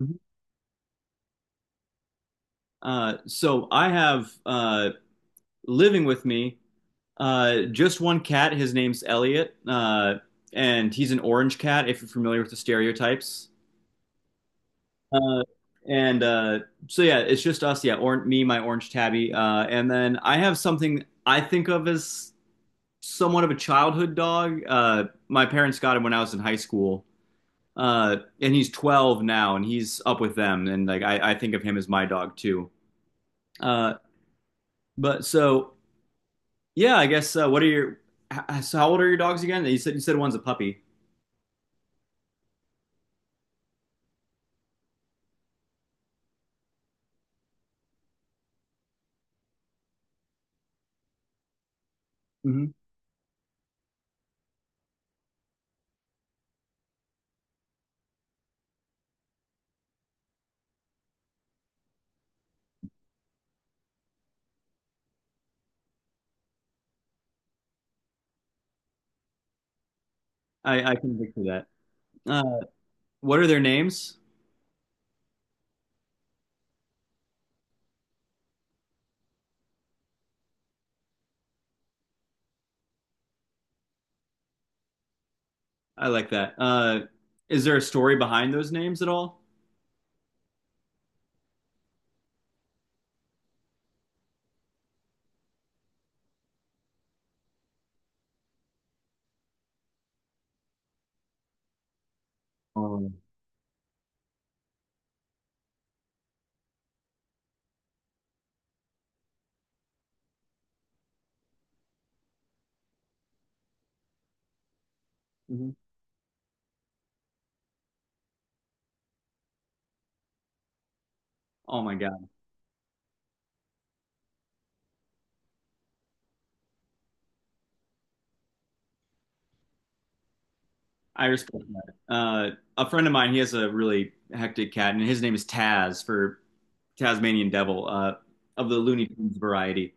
Mhm. So I have living with me just one cat. His name's Elliot, and he's an orange cat. If you're familiar with the stereotypes, uh, and so yeah, it's just us. Yeah, or me, my orange tabby, and then I have something I think of as somewhat of a childhood dog. My parents got him when I was in high school, and he's 12 now, and he's up with them. And like I think of him as my dog too. Uh, but yeah, I guess what are your so how old are your dogs again? You said one's a puppy. hmm I can picture that. Uh, what are their names? I like that. Is there a story behind those names at all? Um, Mhm. Oh my God. I respect that. A friend of mine, he has a really hectic cat, and his name is Taz for Tasmanian Devil, of the Looney Tunes variety.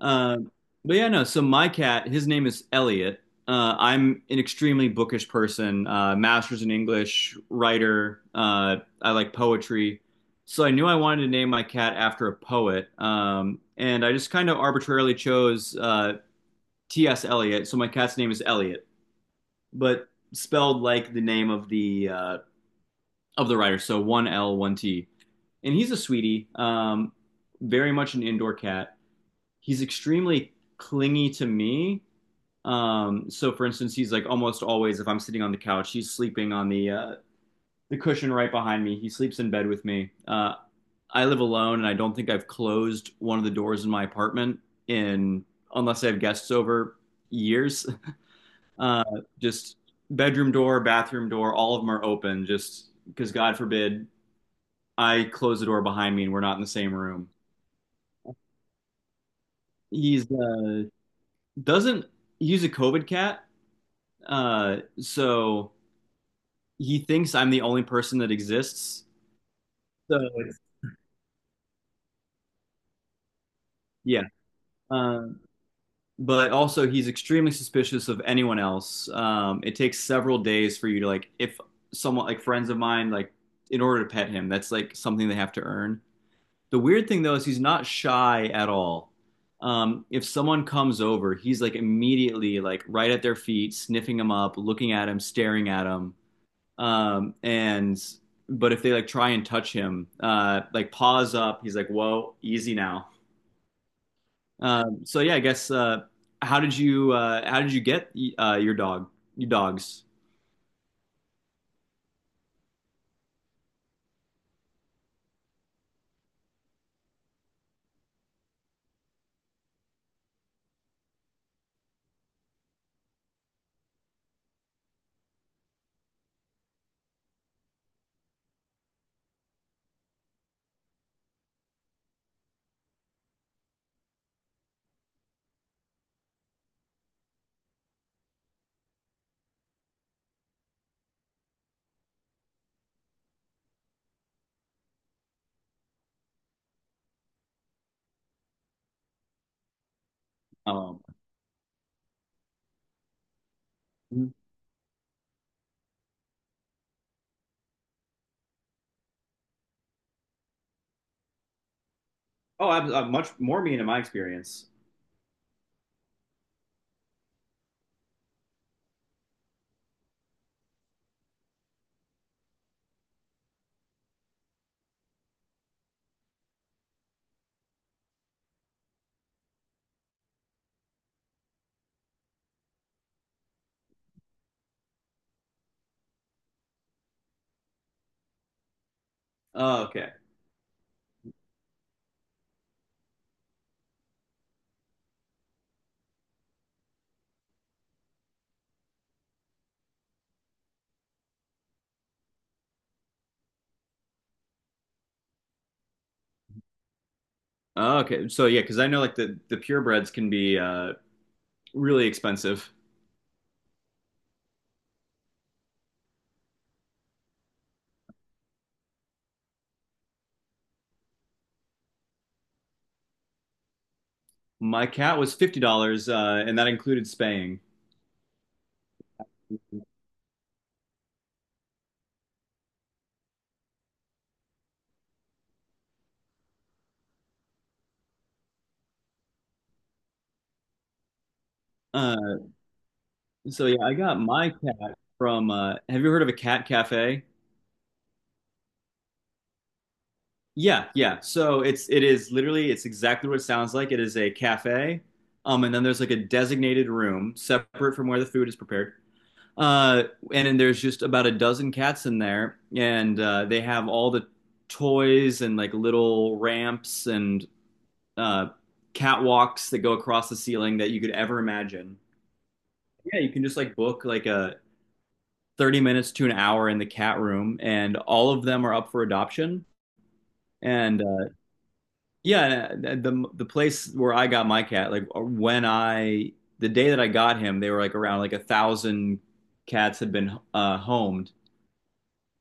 Uh, but yeah, no. So my cat, his name is Elliot. I'm an extremely bookish person, master's in English, writer. I like poetry. So I knew I wanted to name my cat after a poet. And I just kind of arbitrarily chose T.S. Eliot. So my cat's name is Elliot but spelled like the name of the writer. So one L, one T. And he's a sweetie, very much an indoor cat. He's extremely clingy to me. So for instance, he's like almost always if I'm sitting on the couch, he's sleeping on the cushion right behind me. He sleeps in bed with me. I live alone, and I don't think I've closed one of the doors in my apartment in unless I have guests over years. Uh, just bedroom door, bathroom door, all of them are open. Just because God forbid I close the door behind me and we're not in the same room. He's doesn't he's a COVID cat, so he thinks I'm the only person that exists. So yeah, uh, but also he's extremely suspicious of anyone else. It takes several days for you to like if someone like friends of mine like in order to pet him that's like something they have to earn. The weird thing though is he's not shy at all. If someone comes over, he's like immediately like right at their feet, sniffing them up, looking at him, staring at him. And but if they like try and touch him, like paws up, he's like, "Whoa, easy now." So yeah, I guess how did you get uh, your dog your dogs? Um, oh, I'm much more mean in my experience. Oh, okay. Oh, okay. So yeah, because I know like the purebreds can be really expensive. My cat was $50, and that included spaying. Uh, so yeah, I got my cat from. Have you heard of a cat cafe? Yeah, yeah. It is literally it's exactly what it sounds like. It is a cafe, and then there's like a designated room separate from where the food is prepared. Uh, and then there's just about a dozen cats in there, and they have all the toys and like little ramps and uh, catwalks that go across the ceiling that you could ever imagine. Yeah, you can just like book like a 30 minutes to an hour in the cat room, and all of them are up for adoption. And yeah, the place where I got my cat, like when I the day that I got him, they were like around like 1,000 cats had been homed.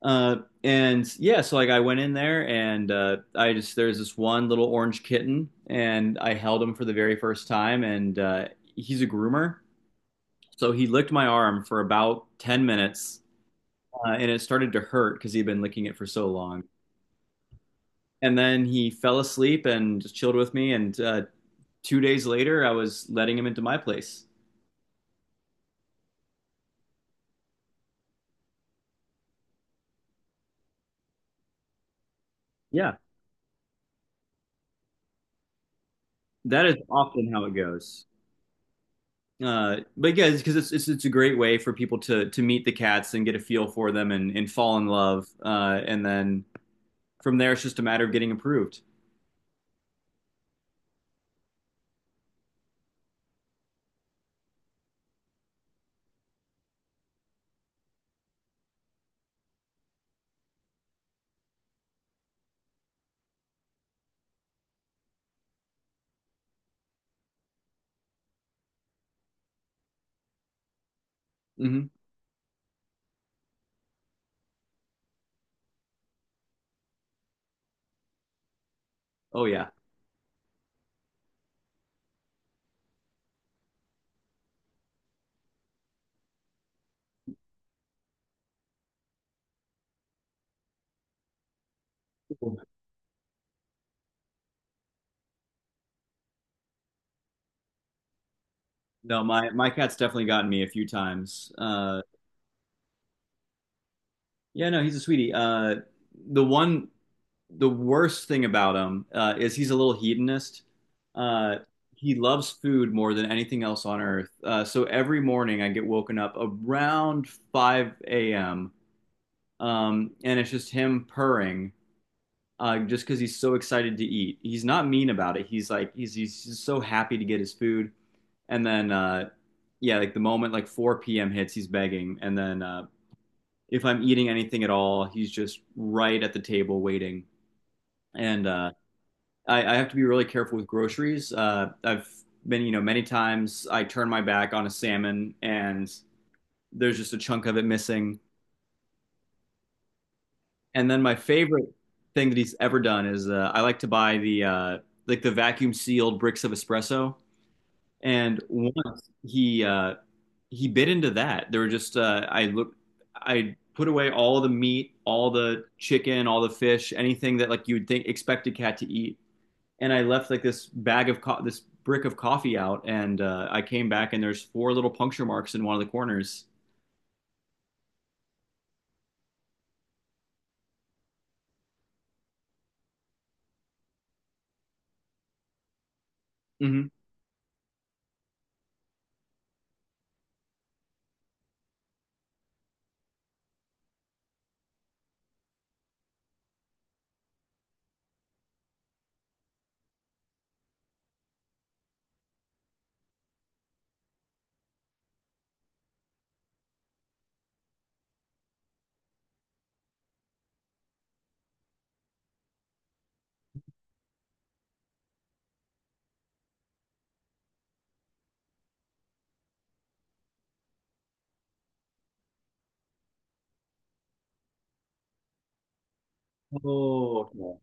And yeah, so like I went in there and I just there's this one little orange kitten and I held him for the very first time and he's a groomer. So he licked my arm for about 10 minutes, and it started to hurt because he'd been licking it for so long. And then he fell asleep and just chilled with me. And 2 days later, I was letting him into my place. Yeah, that is often how it goes. But yeah, because it's a great way for people to meet the cats and get a feel for them and fall in love. And then from there, it's just a matter of getting approved. hmm Oh yeah. No, my cat's definitely gotten me a few times. Yeah, no, he's a sweetie. The one, the worst thing about him is he's a little hedonist. Uh, he loves food more than anything else on earth. So every morning I get woken up around 5 a.m. And it's just him purring just because he's so excited to eat. He's not mean about it. He's like he's just so happy to get his food. And then yeah, like the moment like 4 p.m. hits, he's begging. And then if I'm eating anything at all, he's just right at the table waiting. And I have to be really careful with groceries. I've been, you know, many times I turn my back on a salmon and there's just a chunk of it missing. And then my favorite thing that he's ever done is I like to buy the like the vacuum sealed bricks of espresso. And once he bit into that. There were just I look I put away all the meat, all the chicken, all the fish, anything that like you would think expect a cat to eat, and I left like this this brick of coffee out, and I came back and there's 4 little puncture marks in one of the corners. hmm Oh, okay.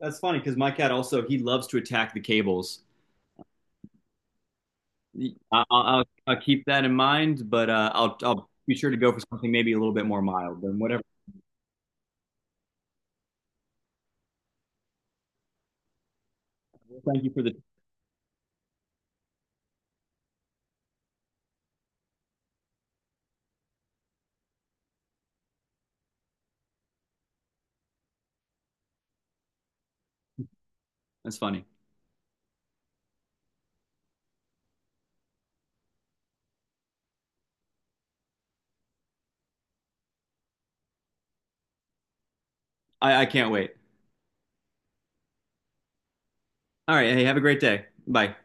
That's funny because my cat also he loves to attack the cables. I'll keep that in mind, but I'll be sure to go for something maybe a little bit more mild than whatever. Thank you for the. That's funny. I can't wait. All right. Hey, have a great day. Bye.